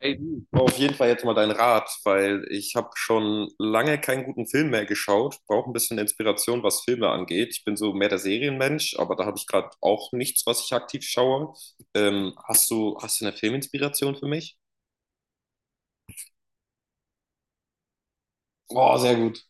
Ey, du, ich brauch auf jeden Fall jetzt mal deinen Rat, weil ich habe schon lange keinen guten Film mehr geschaut, brauche ein bisschen Inspiration, was Filme angeht. Ich bin so mehr der Serienmensch, aber da habe ich gerade auch nichts, was ich aktiv schaue. Hast du eine Filminspiration für mich? Boah, sehr gut.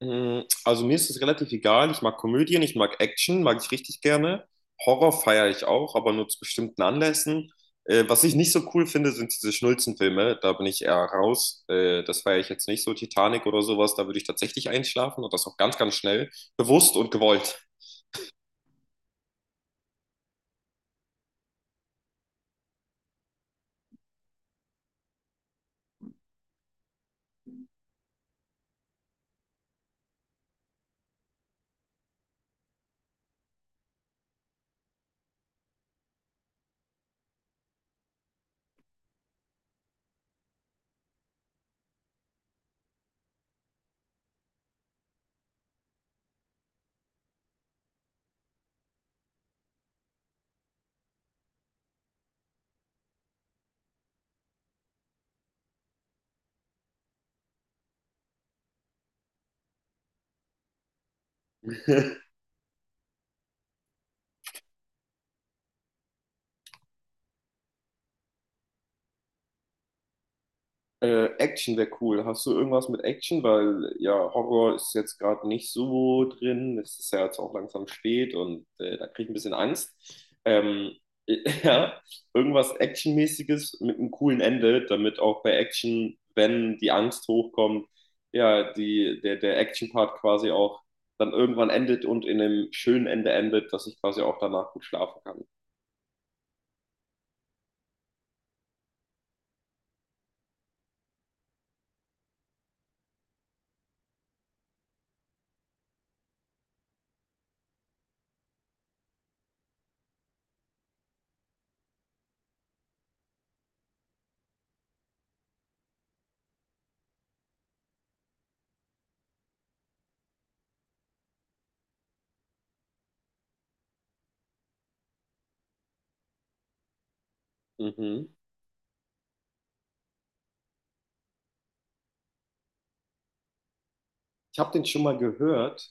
Mm, also mir ist es relativ egal. Ich mag Komödien, ich mag Action, mag ich richtig gerne. Horror feiere ich auch, aber nur zu bestimmten Anlässen. Was ich nicht so cool finde, sind diese Schnulzenfilme. Da bin ich eher raus. Das feiere ich jetzt nicht so. Titanic oder sowas, da würde ich tatsächlich einschlafen und das auch ganz, ganz schnell. Bewusst und gewollt. Action wäre cool. Hast du irgendwas mit Action? Weil ja, Horror ist jetzt gerade nicht so drin. Es ist ja jetzt auch langsam spät und da kriege ich ein bisschen Angst. Ähm, ja, irgendwas Actionmäßiges mit einem coolen Ende, damit auch bei Action, wenn die Angst hochkommt, ja, der Action-Part quasi auch dann irgendwann endet und in einem schönen Ende endet, dass ich quasi auch danach gut schlafen kann. Mhm. Ich habe den schon mal gehört,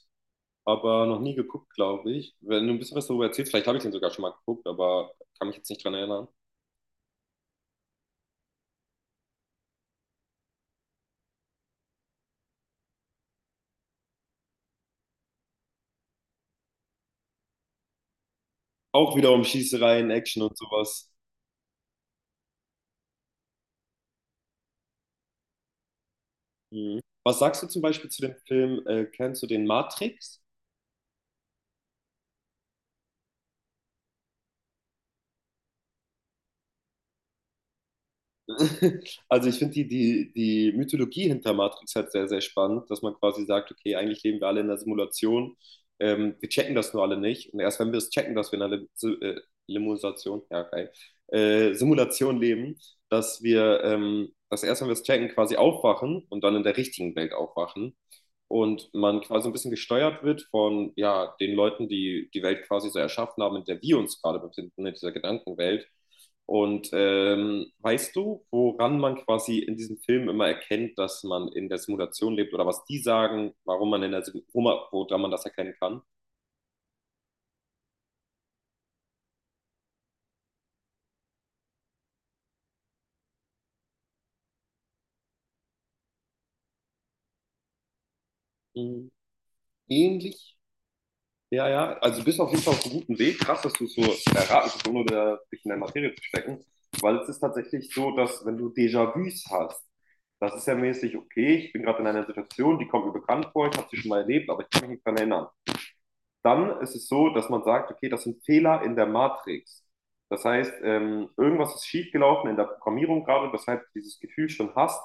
aber noch nie geguckt, glaube ich. Wenn du ein bisschen was darüber erzählst, vielleicht habe ich den sogar schon mal geguckt, aber kann mich jetzt nicht dran erinnern. Auch wieder um Schießereien, Action und sowas. Mhm. Was sagst du zum Beispiel zu dem Film, kennst du den Matrix? Also ich finde die Mythologie hinter Matrix halt sehr, sehr spannend, dass man quasi sagt, okay, eigentlich leben wir alle in einer Simulation, wir checken das nur alle nicht. Und erst wenn wir es checken, dass wir in einer Limusation, ja, geil, Simulation leben, dass wir, dass erst wenn wir es checken, quasi aufwachen und dann in der richtigen Welt aufwachen und man quasi so ein bisschen gesteuert wird von ja, den Leuten, die die Welt quasi so erschaffen haben, in der wir uns gerade befinden, in dieser Gedankenwelt. Und weißt du, woran man quasi in diesem Film immer erkennt, dass man in der Simulation lebt oder was die sagen, warum man in der woran man das erkennen kann? Mhm. Ähnlich. Ja, ja, also du bist auf jeden Fall auf einem guten Weg. Krass, dass du es so erraten hast, ohne da dich in der Materie zu stecken. Weil es ist tatsächlich so, dass wenn du Déjà-vus hast, das ist ja mäßig, okay, ich bin gerade in einer Situation, die kommt mir bekannt vor, ich habe sie schon mal erlebt, aber ich kann mich nicht dran erinnern. Dann ist es so, dass man sagt, okay, das sind Fehler in der Matrix. Das heißt, irgendwas ist schiefgelaufen in der Programmierung gerade, weshalb du dieses Gefühl schon hast,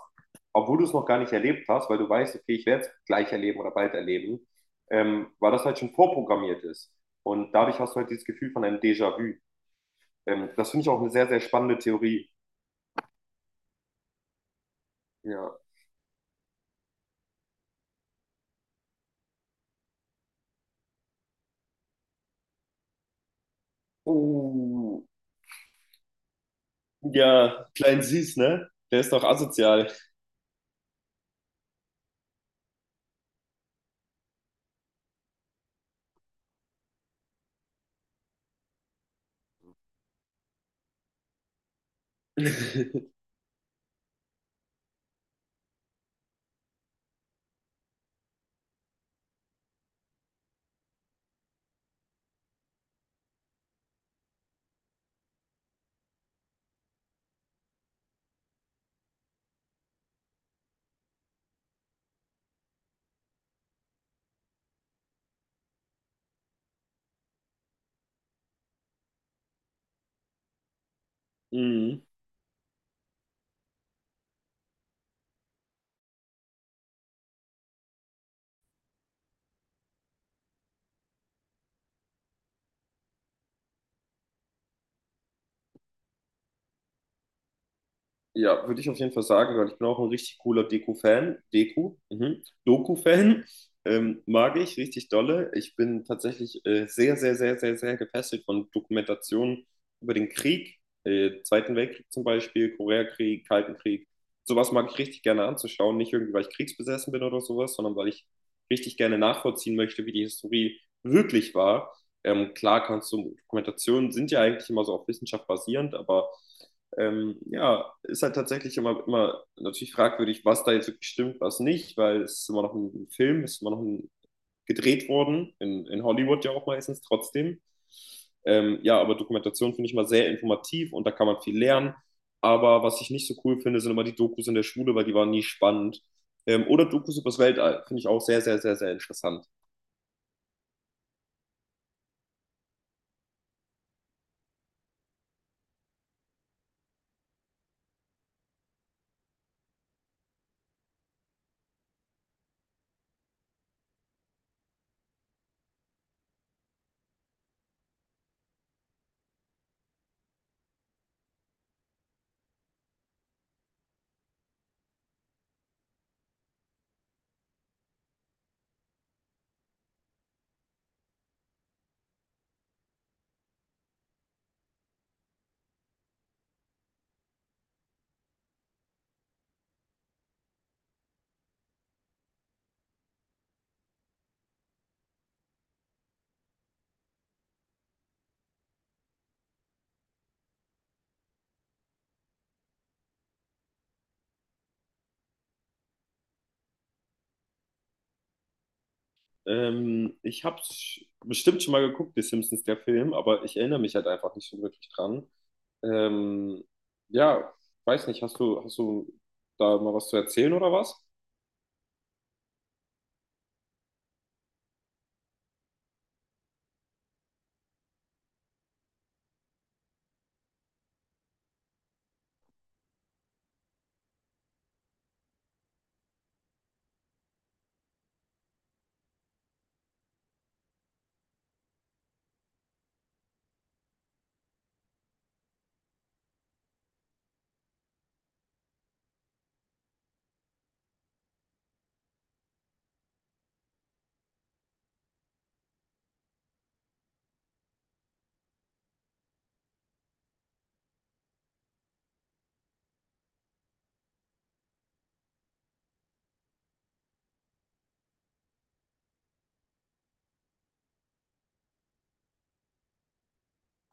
obwohl du es noch gar nicht erlebt hast, weil du weißt, okay, ich werde es gleich erleben oder bald erleben, weil das halt schon vorprogrammiert ist. Und dadurch hast du halt dieses Gefühl von einem Déjà-vu. Das finde ich auch eine sehr, sehr spannende Theorie. Ja. Oh, ja, klein süß, ne? Der ist doch asozial. Mhm. Ja, würde ich auf jeden Fall sagen, weil ich bin auch ein richtig cooler Deko, fan deko mhm. Doku-Fan, mag ich richtig dolle. Ich bin tatsächlich sehr, sehr, sehr, sehr, sehr gefesselt von Dokumentationen über den Krieg, Zweiten Weltkrieg zum Beispiel, Koreakrieg, Kalten Krieg. Sowas mag ich richtig gerne anzuschauen, nicht irgendwie, weil ich kriegsbesessen bin oder sowas, sondern weil ich richtig gerne nachvollziehen möchte, wie die Historie wirklich war. Klar kannst du, Dokumentationen sind ja eigentlich immer so auf Wissenschaft basierend, aber ja, ist halt tatsächlich immer, immer natürlich fragwürdig, was da jetzt wirklich stimmt, was nicht, weil es ist immer noch ein Film, es ist immer noch ein, gedreht worden, in Hollywood ja auch meistens trotzdem. Ja, aber Dokumentation finde ich mal sehr informativ und da kann man viel lernen. Aber was ich nicht so cool finde, sind immer die Dokus in der Schule, weil die waren nie spannend. Oder Dokus übers Weltall, finde ich auch sehr, sehr, sehr, sehr interessant. Ich habe bestimmt schon mal geguckt, die Simpsons, der Film, aber ich erinnere mich halt einfach nicht so wirklich dran. Ähm, ja, weiß nicht, hast du da mal was zu erzählen oder was?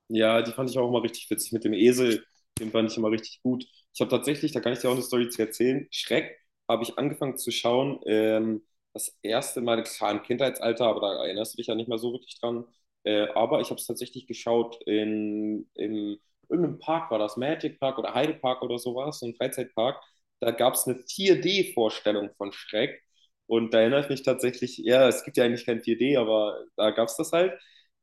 Ja, die fand ich auch immer richtig witzig mit dem Esel. Den fand ich immer richtig gut. Ich habe tatsächlich, da kann ich dir auch eine Story zu erzählen. Schreck habe ich angefangen zu schauen. Das erste Mal, klar, im Kindheitsalter, aber da erinnerst du dich ja nicht mehr so wirklich dran. Aber ich habe es tatsächlich geschaut in irgendeinem Park, war das Magic Park oder Heide Park oder sowas, so ein Freizeitpark. Da gab es eine 4D-Vorstellung von Schreck. Und da erinnere ich mich tatsächlich, ja, es gibt ja eigentlich kein 4D, aber da gab es das halt.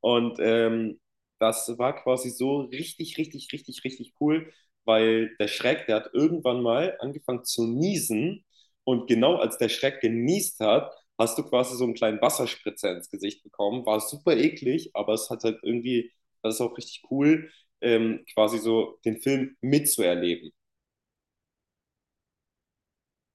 Und das war quasi so richtig, richtig, richtig, richtig cool, weil der Schreck, der hat irgendwann mal angefangen zu niesen und genau als der Schreck geniest hat, hast du quasi so einen kleinen Wasserspritzer ins Gesicht bekommen. War super eklig, aber es hat halt irgendwie, das ist auch richtig cool, quasi so den Film mitzuerleben.